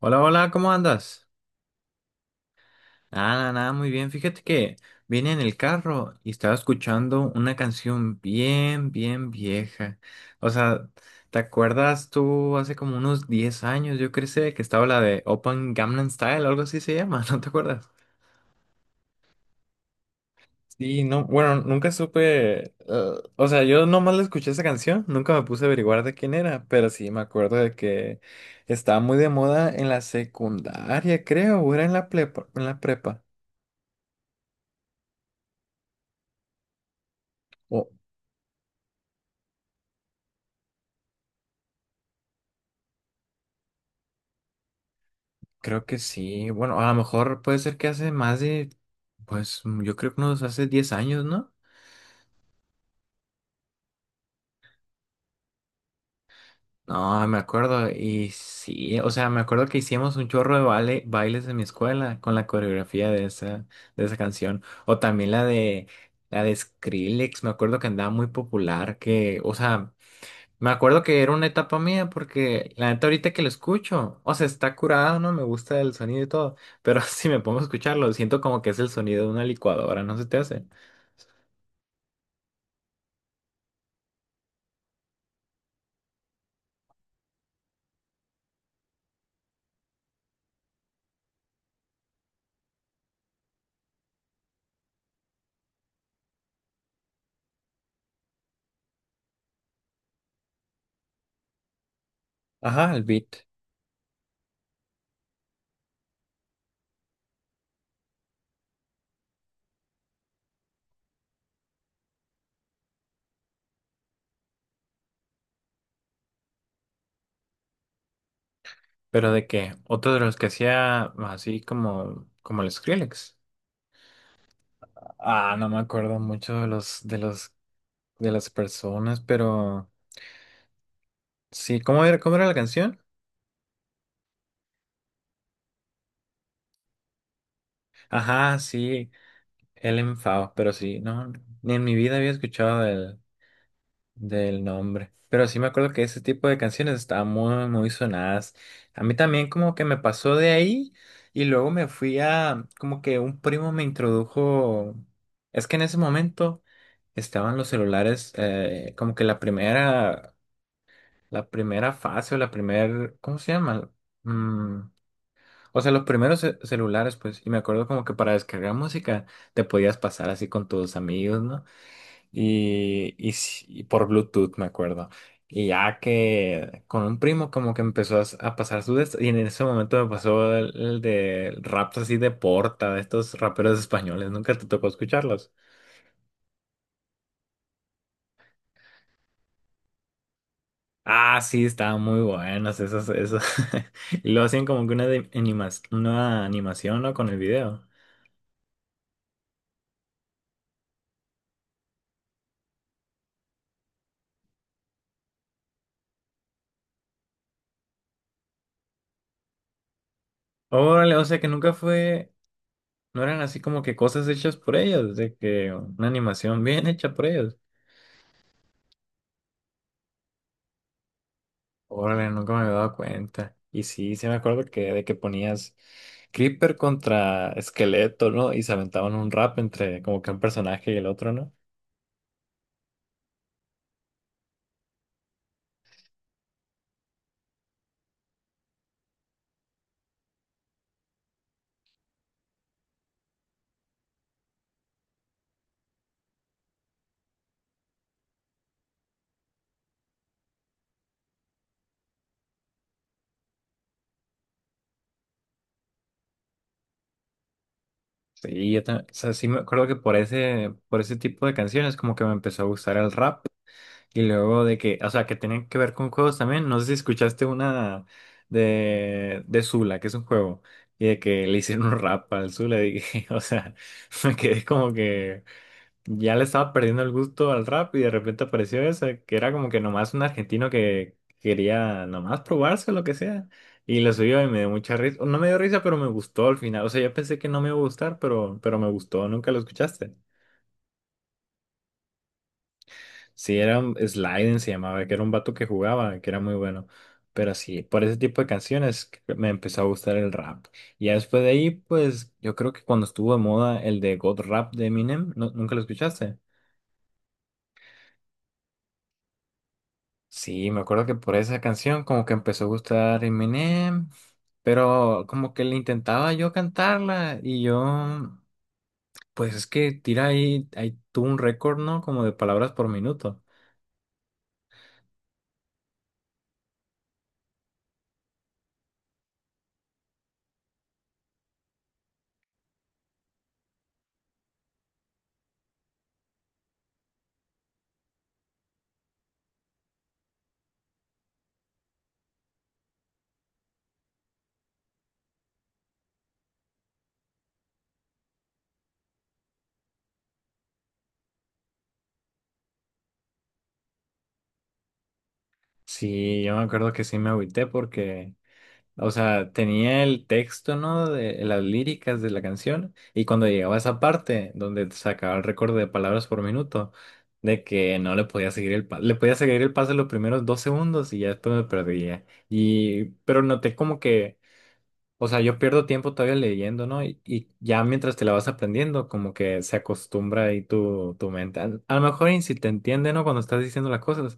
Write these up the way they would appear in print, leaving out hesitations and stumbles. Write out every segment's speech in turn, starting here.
Hola, hola, ¿cómo andas? Nada, nada, nada, muy bien. Fíjate que vine en el carro y estaba escuchando una canción bien, bien vieja. O sea, ¿te acuerdas tú hace como unos 10 años, yo crecí, que estaba la de Open Gangnam Style, algo así se llama, ¿no te acuerdas? Sí, no, bueno, nunca supe, o sea, yo nomás la escuché esa canción, nunca me puse a averiguar de quién era, pero sí me acuerdo de que estaba muy de moda en la secundaria, creo, o era en la en la prepa. Creo que sí. Bueno, a lo mejor puede ser que hace más de, pues yo creo que unos hace 10 años, ¿no? No, me acuerdo. Y sí, o sea, me acuerdo que hicimos un chorro de baile, bailes en mi escuela con la coreografía de esa canción. O también la de Skrillex, me acuerdo que andaba muy popular, que, o sea, me acuerdo que era una etapa mía porque la neta ahorita que lo escucho, o sea, está curado, ¿no? Me gusta el sonido y todo, pero si me pongo a escucharlo, siento como que es el sonido de una licuadora, ¿no se te hace? Ajá, el beat. Pero de que otro de los que hacía así como, como el Skrillex. Ah, no me acuerdo mucho de los, de las personas, pero sí, cómo era la canción? Ajá, sí, el enfado, pero sí, no, ni en mi vida había escuchado del nombre. Pero sí me acuerdo que ese tipo de canciones estaban muy, muy sonadas. A mí también como que me pasó de ahí y luego me fui a, como que un primo me introdujo, es que en ese momento estaban los celulares, como que la primera fase o la primer, ¿cómo se llama? Mm, o sea, los primeros celulares, pues, y me acuerdo como que para descargar música te podías pasar así con tus amigos, ¿no? Sí, y por Bluetooth, me acuerdo. Y ya que con un primo como que empezó a, a pasar su de esto, y en ese momento me pasó el de raps así de Porta, de estos raperos españoles, nunca te tocó escucharlos. Ah, sí, estaban muy buenas esas y lo hacían como que una, una animación, ¿no? Con el video. Órale, o sea que nunca fue, no eran así como que cosas hechas por ellos, de que una animación bien hecha por ellos. Órale, nunca me había dado cuenta. Y sí, sí me acuerdo que de que ponías Creeper contra Esqueleto, ¿no? Y se aventaban un rap entre como que un personaje y el otro, ¿no? Sí, yo también, o sea, sí me acuerdo que por ese tipo de canciones como que me empezó a gustar el rap. Y luego de que, o sea, que tenían que ver con juegos también. No sé si escuchaste una de Zula, que es un juego. Y de que le hicieron un rap al Zula, y dije, o sea, me quedé como que ya le estaba perdiendo el gusto al rap y de repente apareció esa, que era como que nomás un argentino que quería nomás probarse lo que sea. Y lo subió y me dio mucha risa. No me dio risa, pero me gustó al final. O sea, yo pensé que no me iba a gustar, pero me gustó. Nunca lo escuchaste. Sí, era un Sliden, se llamaba, que era un vato que jugaba, que era muy bueno. Pero sí, por ese tipo de canciones que me empezó a gustar el rap. Y ya después de ahí, pues yo creo que cuando estuvo de moda el de God Rap de Eminem, ¿no? ¿Nunca lo escuchaste? Sí, me acuerdo que por esa canción como que empezó a gustar Eminem, pero como que le intentaba yo cantarla y yo, pues es que tira ahí, ahí tuvo un récord, ¿no? Como de palabras por minuto. Sí, yo me acuerdo que sí me agüité porque, o sea, tenía el texto, ¿no? De las líricas de la canción. Y cuando llegaba a esa parte donde sacaba el récord de palabras por minuto, de que no le podía seguir el paso. Le podía seguir el paso los primeros 2 segundos y ya después me perdía. Y, pero noté como que, o sea, yo pierdo tiempo todavía leyendo, ¿no? Y ya mientras te la vas aprendiendo, como que se acostumbra ahí tu, tu mente. A lo mejor y si te entiende, ¿no? Cuando estás diciendo las cosas,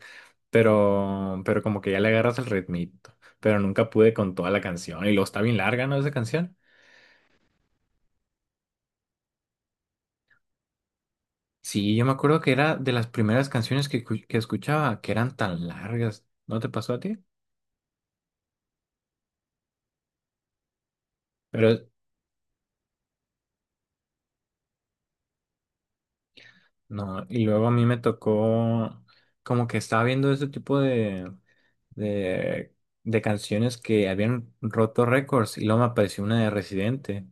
pero como que ya le agarras el ritmito. Pero nunca pude con toda la canción. Y luego está bien larga, ¿no? Esa canción. Sí, yo me acuerdo que era de las primeras canciones que, que escuchaba, que eran tan largas. ¿No te pasó a ti? Pero no, y luego a mí me tocó como que estaba viendo ese tipo de de, de canciones que habían roto récords y luego me apareció una de Residente,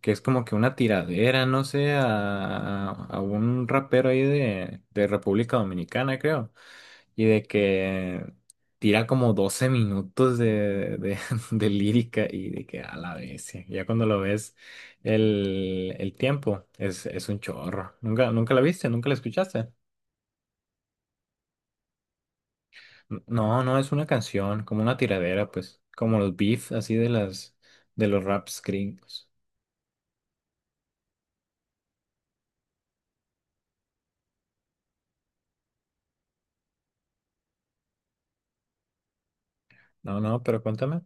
que es como que una tiradera, no sé, a un rapero ahí de República Dominicana, creo, y de que tira como 12 minutos de, de lírica y de que a la vez, ya cuando lo ves el tiempo es un chorro. ¿Nunca, nunca la viste? ¿Nunca la escuchaste? No, no, es una canción, como una tiradera, pues, como los beef, así de las, de los raps gringos. No, no, pero cuéntame.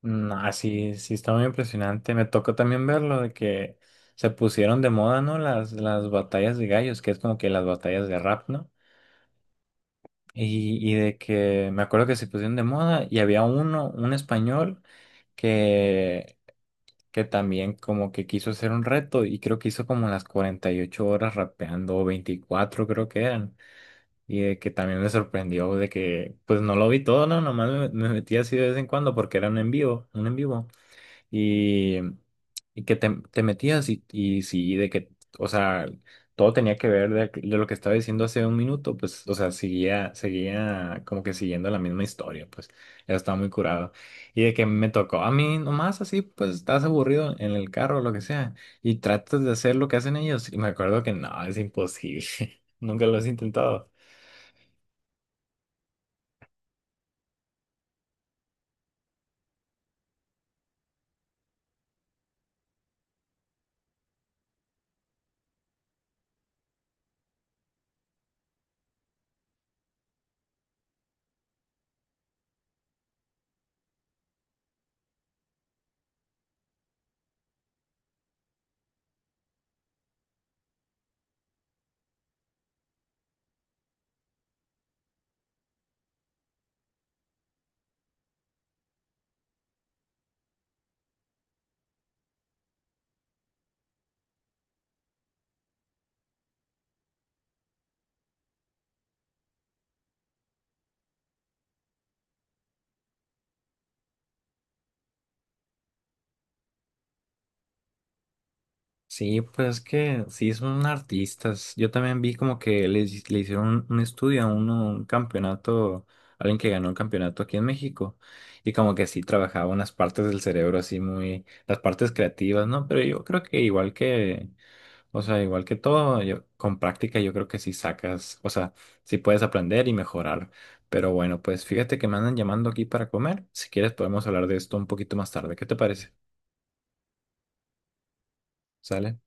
No, así, sí sí está muy impresionante. Me tocó también verlo de que se pusieron de moda, ¿no? Las batallas de gallos, que es como que las batallas de rap, ¿no? Y de que me acuerdo que se pusieron de moda y había uno, un español, que, que también como que quiso hacer un reto y creo que hizo como las 48 horas rapeando, o 24 creo que eran. Y de que también me sorprendió de que, pues no lo vi todo, no, nomás me, me metí así de vez en cuando porque era un en vivo, un en vivo. Y, y que te metías y sí, de que, o sea, todo tenía que ver de lo que estaba diciendo hace un minuto, pues, o sea, seguía, seguía como que siguiendo la misma historia, pues, ya estaba muy curado. Y de que me tocó a mí nomás así, pues, estás aburrido en el carro o lo que sea, y tratas de hacer lo que hacen ellos. Y me acuerdo que no, es imposible, nunca lo has intentado. Sí, pues es que sí son artistas. Yo también vi como que le, le hicieron un estudio a uno, un campeonato, alguien que ganó un campeonato aquí en México. Y como que sí trabajaba unas partes del cerebro así muy, las partes creativas, ¿no? Pero yo creo que igual que, o sea, igual que todo, yo, con práctica yo creo que sí sacas, o sea, sí puedes aprender y mejorar. Pero bueno, pues fíjate que me andan llamando aquí para comer. Si quieres podemos hablar de esto un poquito más tarde. ¿Qué te parece? ¿Sale?